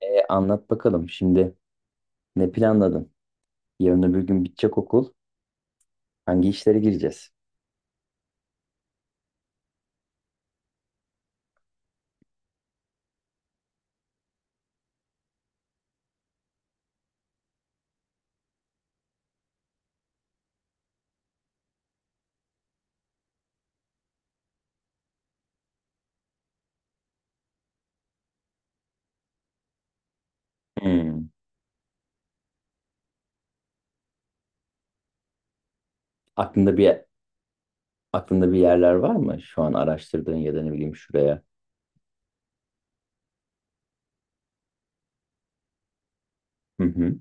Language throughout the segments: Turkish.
E, anlat bakalım şimdi ne planladın? Yarın öbür gün bitecek okul. Hangi işlere gireceğiz? Hmm. Aklında bir aklında bir yerler var mı? Şu an araştırdığın ya da ne bileyim şuraya. Hı hı.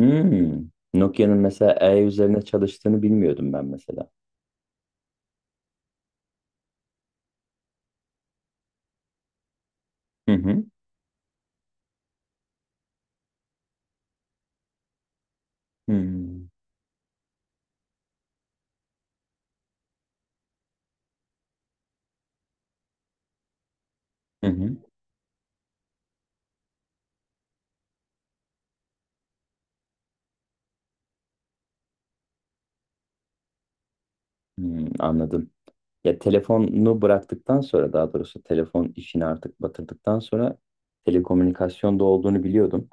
Hmm. Nokia'nın mesela üzerine çalıştığını bilmiyordum ben mesela. Hı hı. Hmm. Hı hı. Hmm, anladım. Ya telefonu bıraktıktan sonra daha doğrusu telefon işini artık batırdıktan sonra telekomünikasyonda olduğunu biliyordum.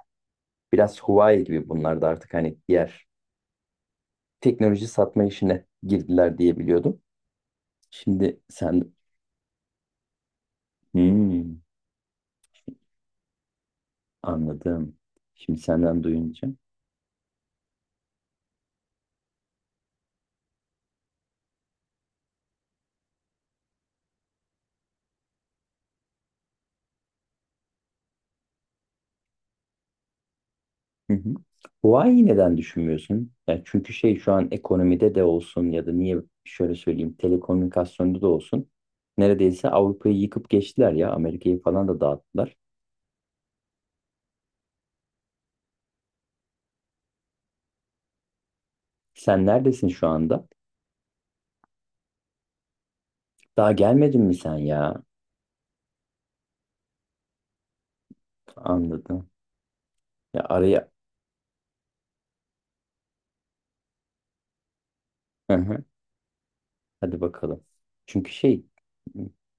Biraz Huawei gibi bunlar da artık hani diğer teknoloji satma işine girdiler diye biliyordum. Şimdi sen... Hmm, anladım. Şimdi senden duyunca. Hı hı. Huawei'yi neden düşünmüyorsun? Yani çünkü şey şu an ekonomide de olsun ya da niye şöyle söyleyeyim telekomünikasyonda da olsun. Neredeyse Avrupa'yı yıkıp geçtiler ya. Amerika'yı falan da dağıttılar. Sen neredesin şu anda? Daha gelmedin mi sen ya? Anladım. Ya araya... Hadi bakalım. Çünkü şey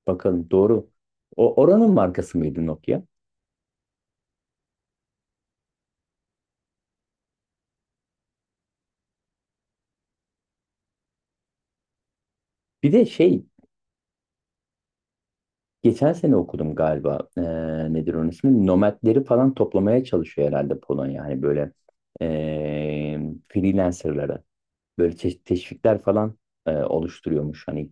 bakalım doğru. O oranın markası mıydı Nokia? Bir de şey geçen sene okudum galiba. Nedir onun ismi? Nomadleri falan toplamaya çalışıyor herhalde Polonya. Hani böyle ee, freelancerlara böyle teşvikler falan oluşturuyormuş. Hani.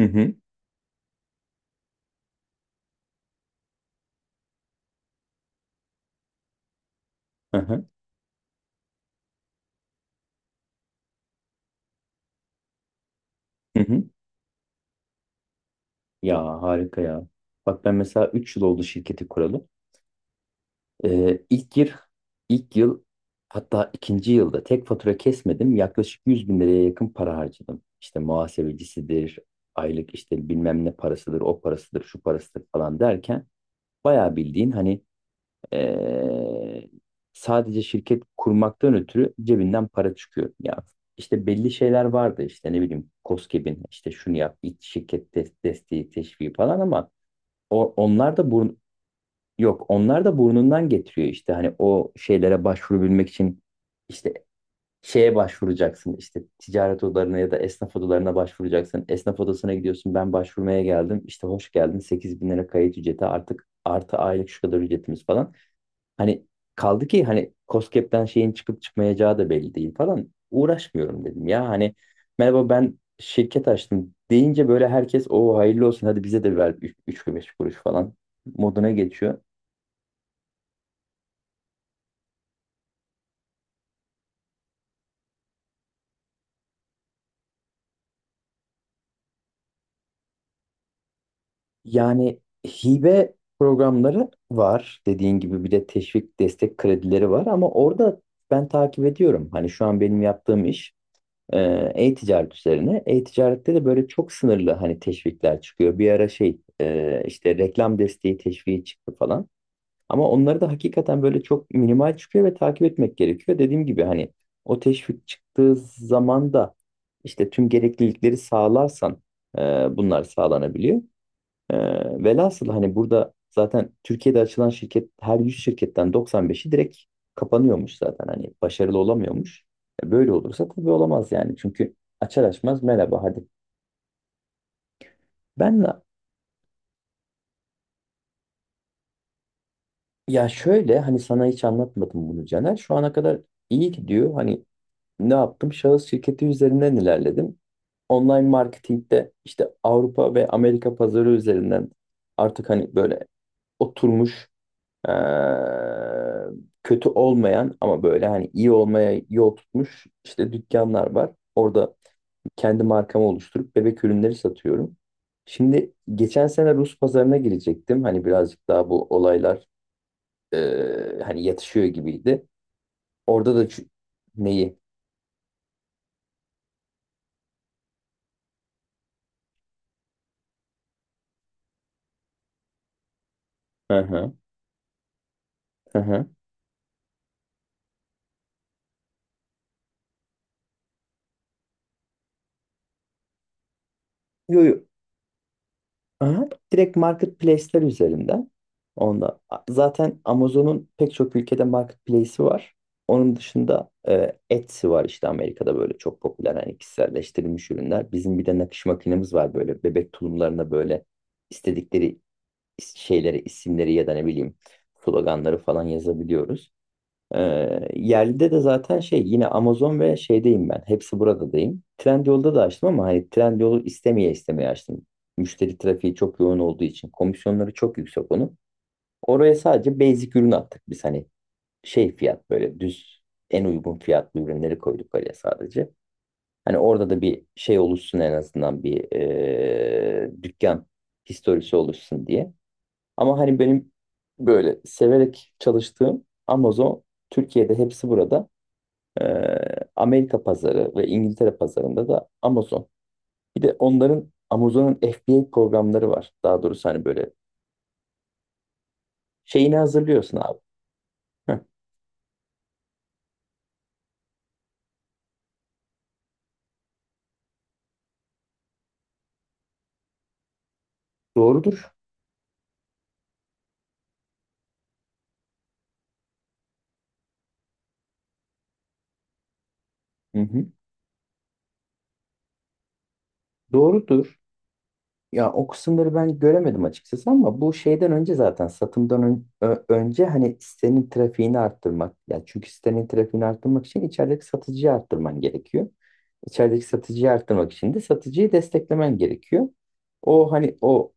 Hı hı. Hı hı. Hı hı. Ya harika ya. Bak ben mesela 3 yıl oldu şirketi kuralı. İlk yıl, ilk yıl hatta ikinci yılda tek fatura kesmedim. Yaklaşık 100 bin liraya yakın para harcadım. İşte muhasebecisidir, aylık işte bilmem ne parasıdır, o parasıdır, şu parasıdır falan derken bayağı bildiğin hani ee, sadece şirket kurmaktan ötürü cebinden para çıkıyor. Ya işte belli şeyler vardı işte ne bileyim KOSGEB'in işte şunu yap, ilk şirket desteği, teşviği falan ama onlar da yok, onlar da burnundan getiriyor işte hani o şeylere başvurabilmek için işte şeye başvuracaksın işte ticaret odalarına ya da esnaf odalarına başvuracaksın. Esnaf odasına gidiyorsun, ben başvurmaya geldim işte, hoş geldin, 8 bin lira kayıt ücreti artık artı aylık şu kadar ücretimiz falan. Hani kaldı ki hani KOSGEB'den şeyin çıkıp çıkmayacağı da belli değil falan, uğraşmıyorum dedim ya hani, merhaba ben şirket açtım deyince böyle herkes o hayırlı olsun hadi bize de ver 3 kuruş falan moduna geçiyor. Yani hibe programları var dediğin gibi, bir de teşvik destek kredileri var ama orada ben takip ediyorum. Hani şu an benim yaptığım iş e, e-ticaret üzerine. E-ticarette de böyle çok sınırlı hani teşvikler çıkıyor. Bir ara şey işte reklam desteği teşviki çıktı falan. Ama onları da hakikaten böyle çok minimal çıkıyor ve takip etmek gerekiyor. Dediğim gibi hani o teşvik çıktığı zaman da işte tüm gereklilikleri sağlarsan e, bunlar sağlanabiliyor. Ee, velhasıl hani burada zaten Türkiye'de açılan şirket, her 100 şirketten 95'i direkt kapanıyormuş zaten, hani başarılı olamıyormuş. Böyle olursa tabii olamaz yani, çünkü açar açmaz merhaba hadi. Ben de ya şöyle, hani sana hiç anlatmadım bunu Caner, şu ana kadar iyi gidiyor hani. Ne yaptım, şahıs şirketi üzerinden ilerledim. Online marketingde işte Avrupa ve Amerika pazarı üzerinden artık hani böyle oturmuş, Ee, kötü olmayan ama böyle hani iyi olmaya yol tutmuş işte dükkanlar var. Orada kendi markamı oluşturup bebek ürünleri satıyorum. Şimdi geçen sene Rus pazarına girecektim. Hani birazcık daha bu olaylar e, hani yatışıyor gibiydi. Orada da neyi? Hı hı. Hı hı. Yo, yo. Aha, direkt marketplace'ler üzerinden. Onda zaten Amazon'un pek çok ülkede marketplace'i var. Onun dışında Etsy var, işte Amerika'da böyle çok popüler hani, kişiselleştirilmiş ürünler. Bizim bir de nakış makinemiz var, böyle bebek tulumlarına böyle istedikleri şeylere, isimleri ya da ne bileyim sloganları falan yazabiliyoruz. Yerlide de zaten şey yine Amazon ve şeydeyim ben. Hepsi buradadayım. Trendyol'da da açtım ama hani Trendyol'u istemeye istemeye açtım. Müşteri trafiği çok yoğun olduğu için komisyonları çok yüksek onun. Oraya sadece basic ürün attık biz, hani şey fiyat böyle düz, en uygun fiyatlı ürünleri koyduk oraya sadece. Hani orada da bir şey oluşsun en azından, bir dükkan historisi oluşsun diye. Ama hani benim böyle severek çalıştığım Amazon, Türkiye'de hepsi burada. Ee, Amerika pazarı ve İngiltere pazarında da Amazon. Bir de onların, Amazon'un FBA programları var. Daha doğrusu hani böyle şeyini hazırlıyorsun abi. Heh, doğrudur. Hı hı. Doğrudur. Ya o kısımları ben göremedim açıkçası, ama bu şeyden önce zaten, satımdan önce hani sitenin trafiğini arttırmak. Ya çünkü sitenin trafiğini arttırmak için içerideki satıcıyı arttırman gerekiyor. İçerideki satıcıyı arttırmak için de satıcıyı desteklemen gerekiyor. O hani o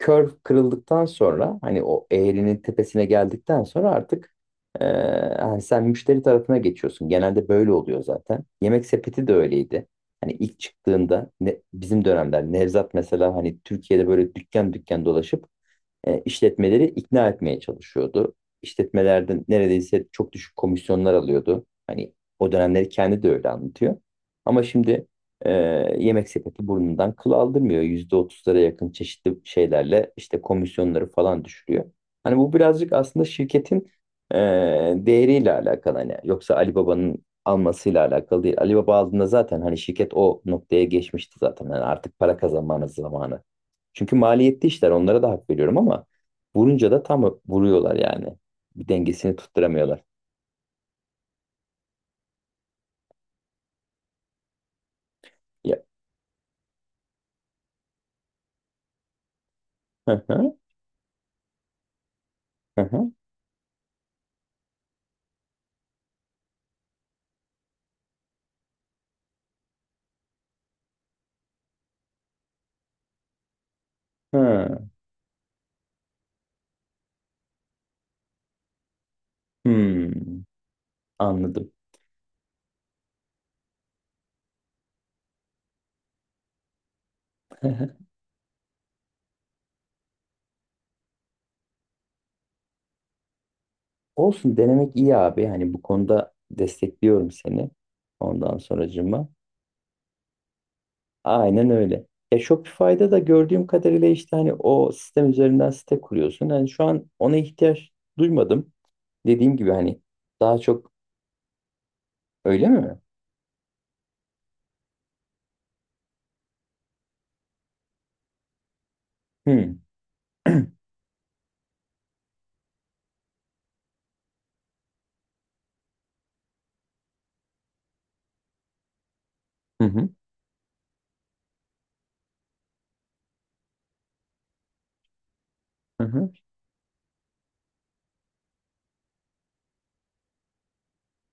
curve kırıldıktan sonra, hani o eğrinin tepesine geldikten sonra artık e, hani sen müşteri tarafına geçiyorsun. Genelde böyle oluyor zaten. Yemek sepeti de öyleydi. Hani ilk çıktığında ne, bizim dönemler, Nevzat mesela hani Türkiye'de böyle dükkan dükkan dolaşıp işletmeleri ikna etmeye çalışıyordu. İşletmelerden neredeyse çok düşük komisyonlar alıyordu. Hani o dönemleri kendi de öyle anlatıyor. Ama şimdi e, yemek sepeti burnundan kıl aldırmıyor. %30'lara yakın çeşitli şeylerle işte komisyonları falan düşürüyor. Hani bu birazcık aslında şirketin e, değeriyle alakalı, hani yoksa Ali Baba'nın almasıyla alakalı değil. Ali Baba aldığında zaten hani şirket o noktaya geçmişti zaten. Yani artık para kazanmanın zamanı, çünkü maliyetli işler, onlara da hak veriyorum ama vurunca da tam vuruyorlar yani. Bir dengesini tutturamıyorlar. Ya. Hı hı, hı hı, hı. Hmm, anladım. Olsun, denemek iyi abi. Hani bu konuda destekliyorum seni. Ondan sonracığıma. Aynen öyle. Shopify'da da gördüğüm kadarıyla işte hani o sistem üzerinden site kuruyorsun. Hani şu an ona ihtiyaç duymadım. Dediğim gibi hani daha çok, öyle mi? Hmm. Hı hı. Hı hı.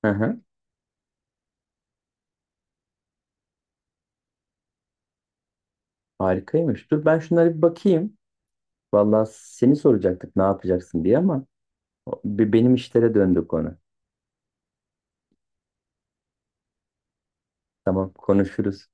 Hı hı. Harikaymış. Dur ben şunlara bir bakayım. Vallahi seni soracaktık ne yapacaksın diye ama benim işlere döndü konu. Tamam konuşuruz.